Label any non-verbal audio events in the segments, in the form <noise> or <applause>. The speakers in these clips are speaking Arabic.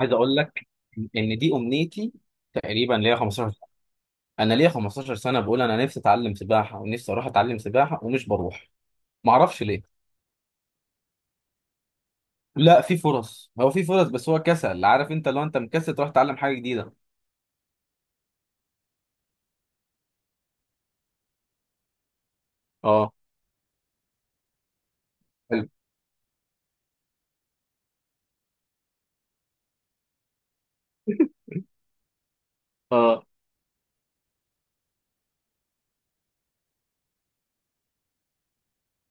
عايز اقول لك ان دي امنيتي تقريبا ليا 15 سنه. انا ليا 15 سنه، بقول انا نفسي اتعلم سباحه ونفسي اروح اتعلم سباحه ومش بروح. ما اعرفش ليه. لا، في فرص. هو في فرص، بس هو كسل. عارف انت لو انت مكسل تروح تتعلم حاجه جديده. اه. حلو. اه،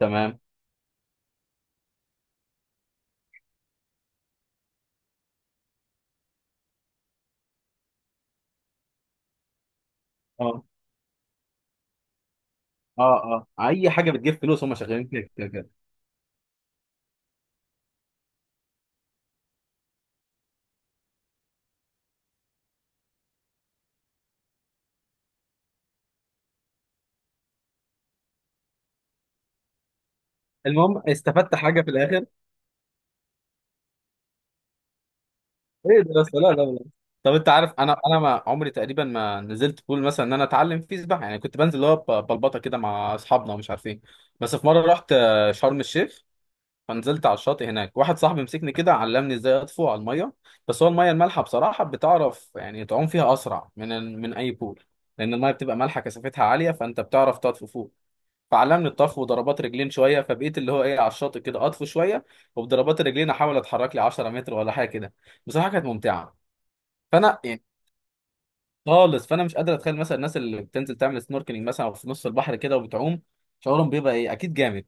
تمام. اه. اه. اه. اي حاجه بتجيب فلوس هم شغالين فيها كده كده. المهم استفدت حاجه في الاخر. ايه ده بس؟ لا، لا، لا. طب انت عارف، انا ما عمري تقريبا ما نزلت بول مثلا ان انا اتعلم فيه سباحه. يعني كنت بنزل اللي هو بلبطه كده مع اصحابنا ومش عارف ايه. بس في مره رحت شرم الشيخ. فنزلت على الشاطئ هناك. واحد صاحبي مسكني كده، علمني ازاي اطفو على الميه. بس هو الميه المالحه بصراحه بتعرف يعني تعوم فيها اسرع من اي بول، لان الميه بتبقى مالحه، كثافتها عاليه فانت بتعرف تطفو فوق. فعلمني الطفو وضربات رجلين شويه. فبقيت اللي هو ايه على الشاطئ كده اطفو شويه، وبضربات الرجلين احاول اتحرك لي 10 متر ولا حاجه كده. بصراحه كانت ممتعه. فانا يعني خالص، فانا مش قادر اتخيل مثلا الناس اللي بتنزل تعمل سنوركلينج مثلا او في نص البحر كده وبتعوم، شعورهم بيبقى ايه؟ اكيد جامد.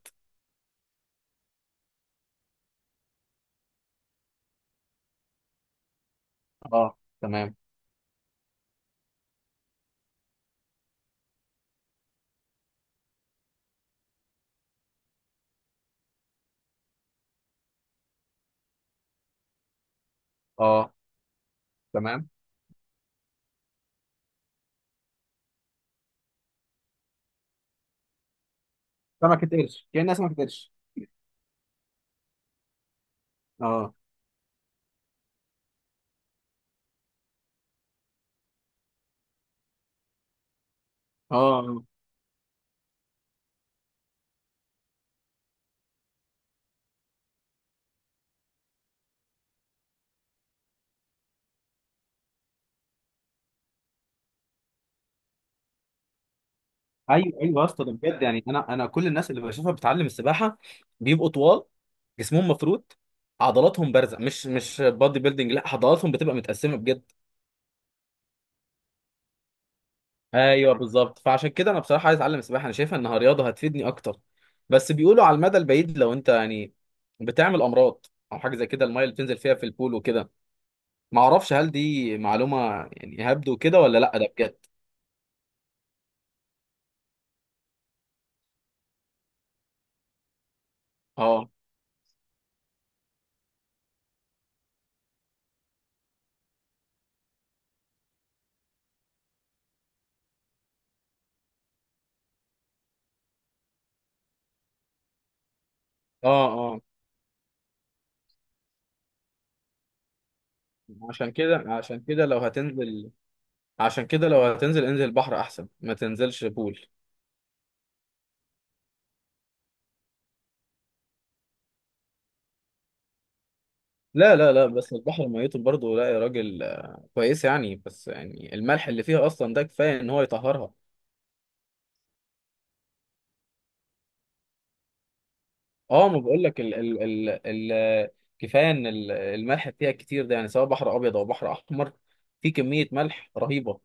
اه، تمام. اه، تمام. سمكة قرش، كأنها سمكة قرش. اه. اه. آه. ايوه، ايوه يا اسطى ده بجد. يعني انا كل الناس اللي بشوفها بتتعلم السباحه بيبقوا طوال، جسمهم مفروض عضلاتهم بارزه. مش بادي بيلدينج، لا عضلاتهم بتبقى متقسمه بجد. ايوه، بالظبط. فعشان كده انا بصراحه عايز اتعلم السباحه. انا شايفها انها رياضه هتفيدني اكتر. بس بيقولوا على المدى البعيد لو انت يعني بتعمل امراض او حاجه زي كده، الميه اللي بتنزل فيها في البول وكده. ما اعرفش، هل دي معلومه يعني هبدو كده ولا لا؟ ده بجد. اه. اه. اه. عشان كده عشان كده لو هتنزل عشان كده لو هتنزل، انزل بحر احسن ما تنزلش بول. لا، لا، لا، بس البحر ميته برضه. لا يا راجل، كويس يعني، بس يعني الملح اللي فيها اصلا ده كفايه ان هو يطهرها. اه، ما بقول لك ال ال ال ال كفايه ان الملح فيها كتير. ده يعني سواء بحر ابيض او بحر احمر، في كميه ملح رهيبه.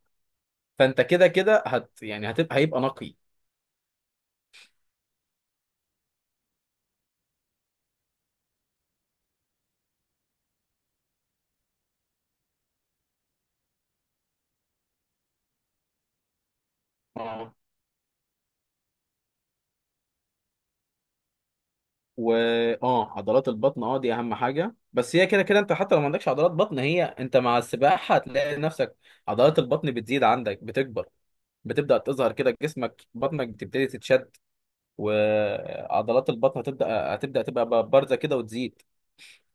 فانت كده كده يعني هيبقى نقي. اه. و اه، عضلات البطن. اه، دي اهم حاجه. بس هي كده كده انت حتى لو ما عندكش عضلات بطن، هي انت مع السباحه هتلاقي نفسك عضلات البطن بتزيد عندك، بتكبر، بتبدا تظهر كده. جسمك، بطنك بتبتدي تتشد. وعضلات البطن هتبدا تبقى بارزه كده وتزيد.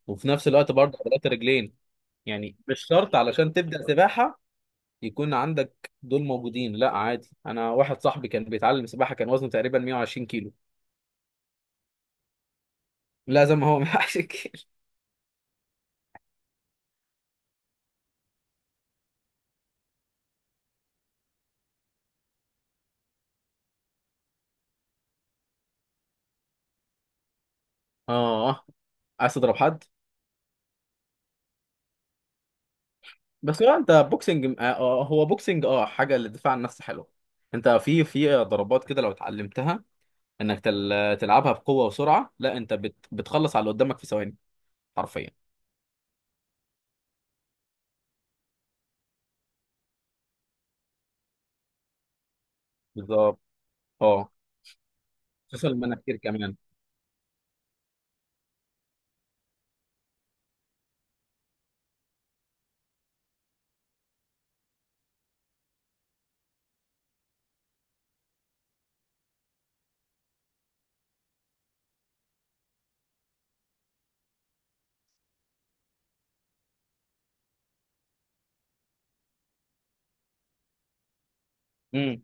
وفي نفس الوقت برضه عضلات الرجلين. يعني مش شرط علشان تبدأ سباحة يكون عندك دول موجودين. لا، عادي. انا واحد صاحبي كان بيتعلم سباحة، كان وزنه تقريبا 120 كيلو. لا، زي ما هو <laughs> 120 كيلو. اه، عايز تضرب حد؟ بس هو انت بوكسنج، هو بوكسنج حاجة للدفاع عن النفس حلوة. انت في ضربات كده لو اتعلمتها انك تلعبها بقوة وسرعة، لا انت بتخلص على اللي قدامك في ثواني. حرفيا. بالظبط. اه، خصوصا المناخير كمان. امم.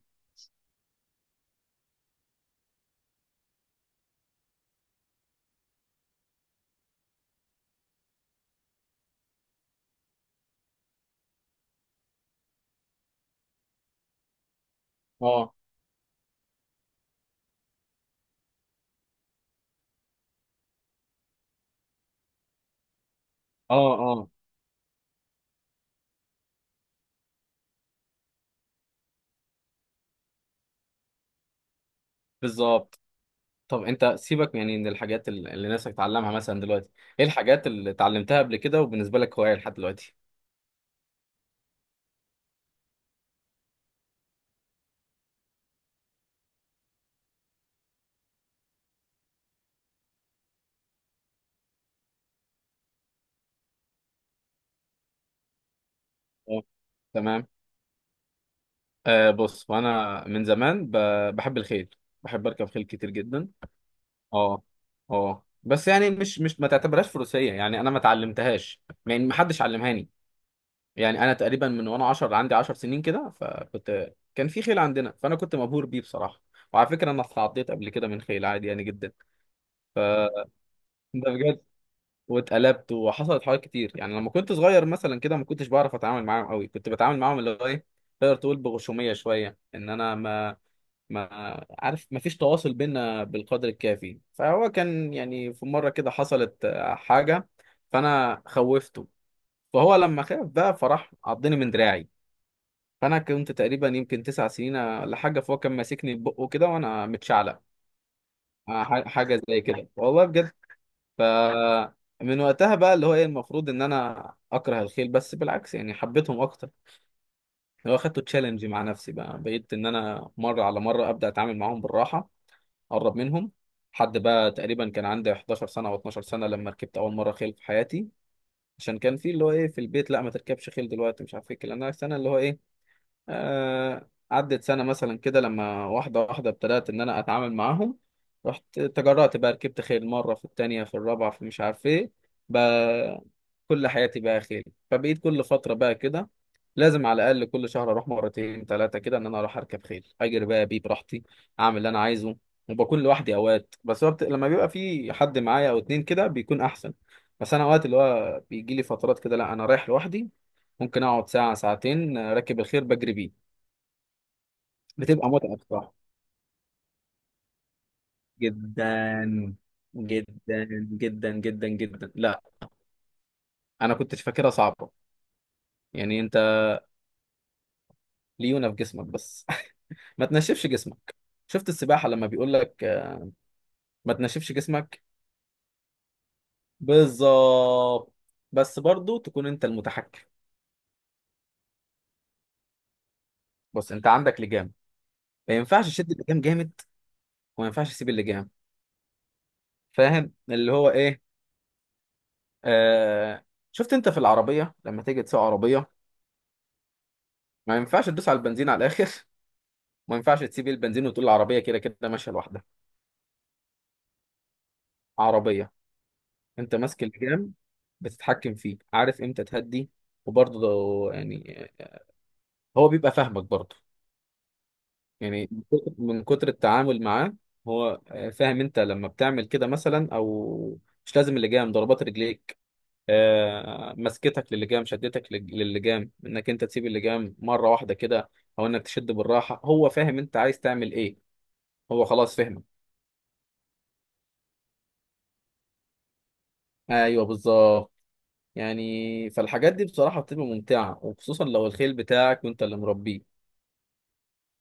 اه. اه. اه. بالظبط. طب انت سيبك، يعني من الحاجات اللي نفسك تتعلمها مثلا دلوقتي، ايه الحاجات اللي اتعلمتها قبل كده وبالنسبه لك هوايه لحد دلوقتي؟ اه، تمام. آه بص، وانا من زمان بحب الخيل. بحب اركب خيل كتير جدا. اه. اه. بس يعني مش ما تعتبرهاش فروسيه، يعني انا ما اتعلمتهاش. يعني ما حدش علمهاني. يعني انا تقريبا من وانا 10، عندي 10 سنين كده. فكنت كان في خيل عندنا، فانا كنت مبهور بيه بصراحه. وعلى فكره انا اتعضيت قبل كده من خيل عادي يعني جدا. ف ده بجد. واتقلبت وحصلت حوارات كتير. يعني لما كنت صغير مثلا كده ما كنتش بعرف اتعامل معاهم قوي. كنت بتعامل معاهم اللي هو ايه، تقدر تقول بغشوميه شويه. ان انا ما عارف، ما فيش تواصل بينا بالقدر الكافي. فهو كان يعني في مره كده حصلت حاجه. فانا خوفته، فهو لما خاف بقى فراح عضني من دراعي. فانا كنت تقريبا يمكن 9 سنين ولا حاجه. فهو كان ماسكني ببقه كده وانا متشعلق حاجه زي كده، والله بجد. فمن وقتها بقى اللي هو ايه المفروض ان انا اكره الخيل، بس بالعكس يعني حبيتهم اكتر. اللي هو خدته تشالنج مع نفسي، بقى بقيت ان انا مره على مره ابدا اتعامل معاهم بالراحه، اقرب منهم. لحد بقى تقريبا كان عندي 11 سنه او 12 سنه لما ركبت اول مره خيل في حياتي. عشان كان في اللي هو ايه في البيت، لا ما تركبش خيل دلوقتي، مش عارف ايه الكلام ده. السنه اللي هو ايه، عدت سنة مثلا كده، لما واحدة واحدة ابتدأت إن أنا أتعامل معاهم. رحت تجرأت بقى ركبت خيل مرة، في التانية، في الرابعة، في مش عارف إيه. بقى كل حياتي بقى خيل. فبقيت كل فترة بقى كده لازم على الأقل كل شهر أروح مرتين ثلاثة كده، إن أنا أروح أركب خيل أجري بقى بيه براحتي، أعمل اللي أنا عايزه. وبكون لوحدي أوقات، بس وقت لما بيبقى في حد معايا أو اتنين كده بيكون أحسن. بس أنا أوقات اللي هو بيجي لي فترات كده لا أنا رايح لوحدي. ممكن أقعد ساعة ساعتين راكب الخيل بجري بيه. بتبقى متعة بصراحة. جدا. جدا. جدا جدا جدا. لا، انا كنت فاكرها صعبة. يعني انت ليونة في جسمك بس. <laughs> ما تنشفش جسمك. شفت السباحة لما بيقول لك ما تنشفش جسمك. بالظبط. بس برضو تكون انت المتحكم. بص، انت عندك لجام. ما ينفعش تشد اللجام جامد، وما ينفعش تسيب اللجام. فاهم اللي هو ايه. آه... شفت انت في العربية لما تيجي تسوق عربية، ما ينفعش تدوس على البنزين على الاخر. <laughs> ما ينفعش تسيب البنزين وتقول العربية كده كده ماشية لوحدها. عربية. انت ماسك الجام، بتتحكم فيه، عارف امتى تهدي. وبرضه يعني هو بيبقى فاهمك برضه، يعني من كتر من كتر التعامل معاه هو فاهم انت لما بتعمل كده مثلا، او مش لازم اللجام، ضربات رجليك، مسكتك للجام، شدتك للجام، انك انت تسيب اللجام مرة واحدة كده او انك تشد بالراحة، هو فاهم انت عايز تعمل ايه. هو خلاص فهمك. ايوه، بالظبط. يعني فالحاجات دي بصراحة بتبقى ممتعة، وخصوصا لو الخيل بتاعك وانت اللي مربيه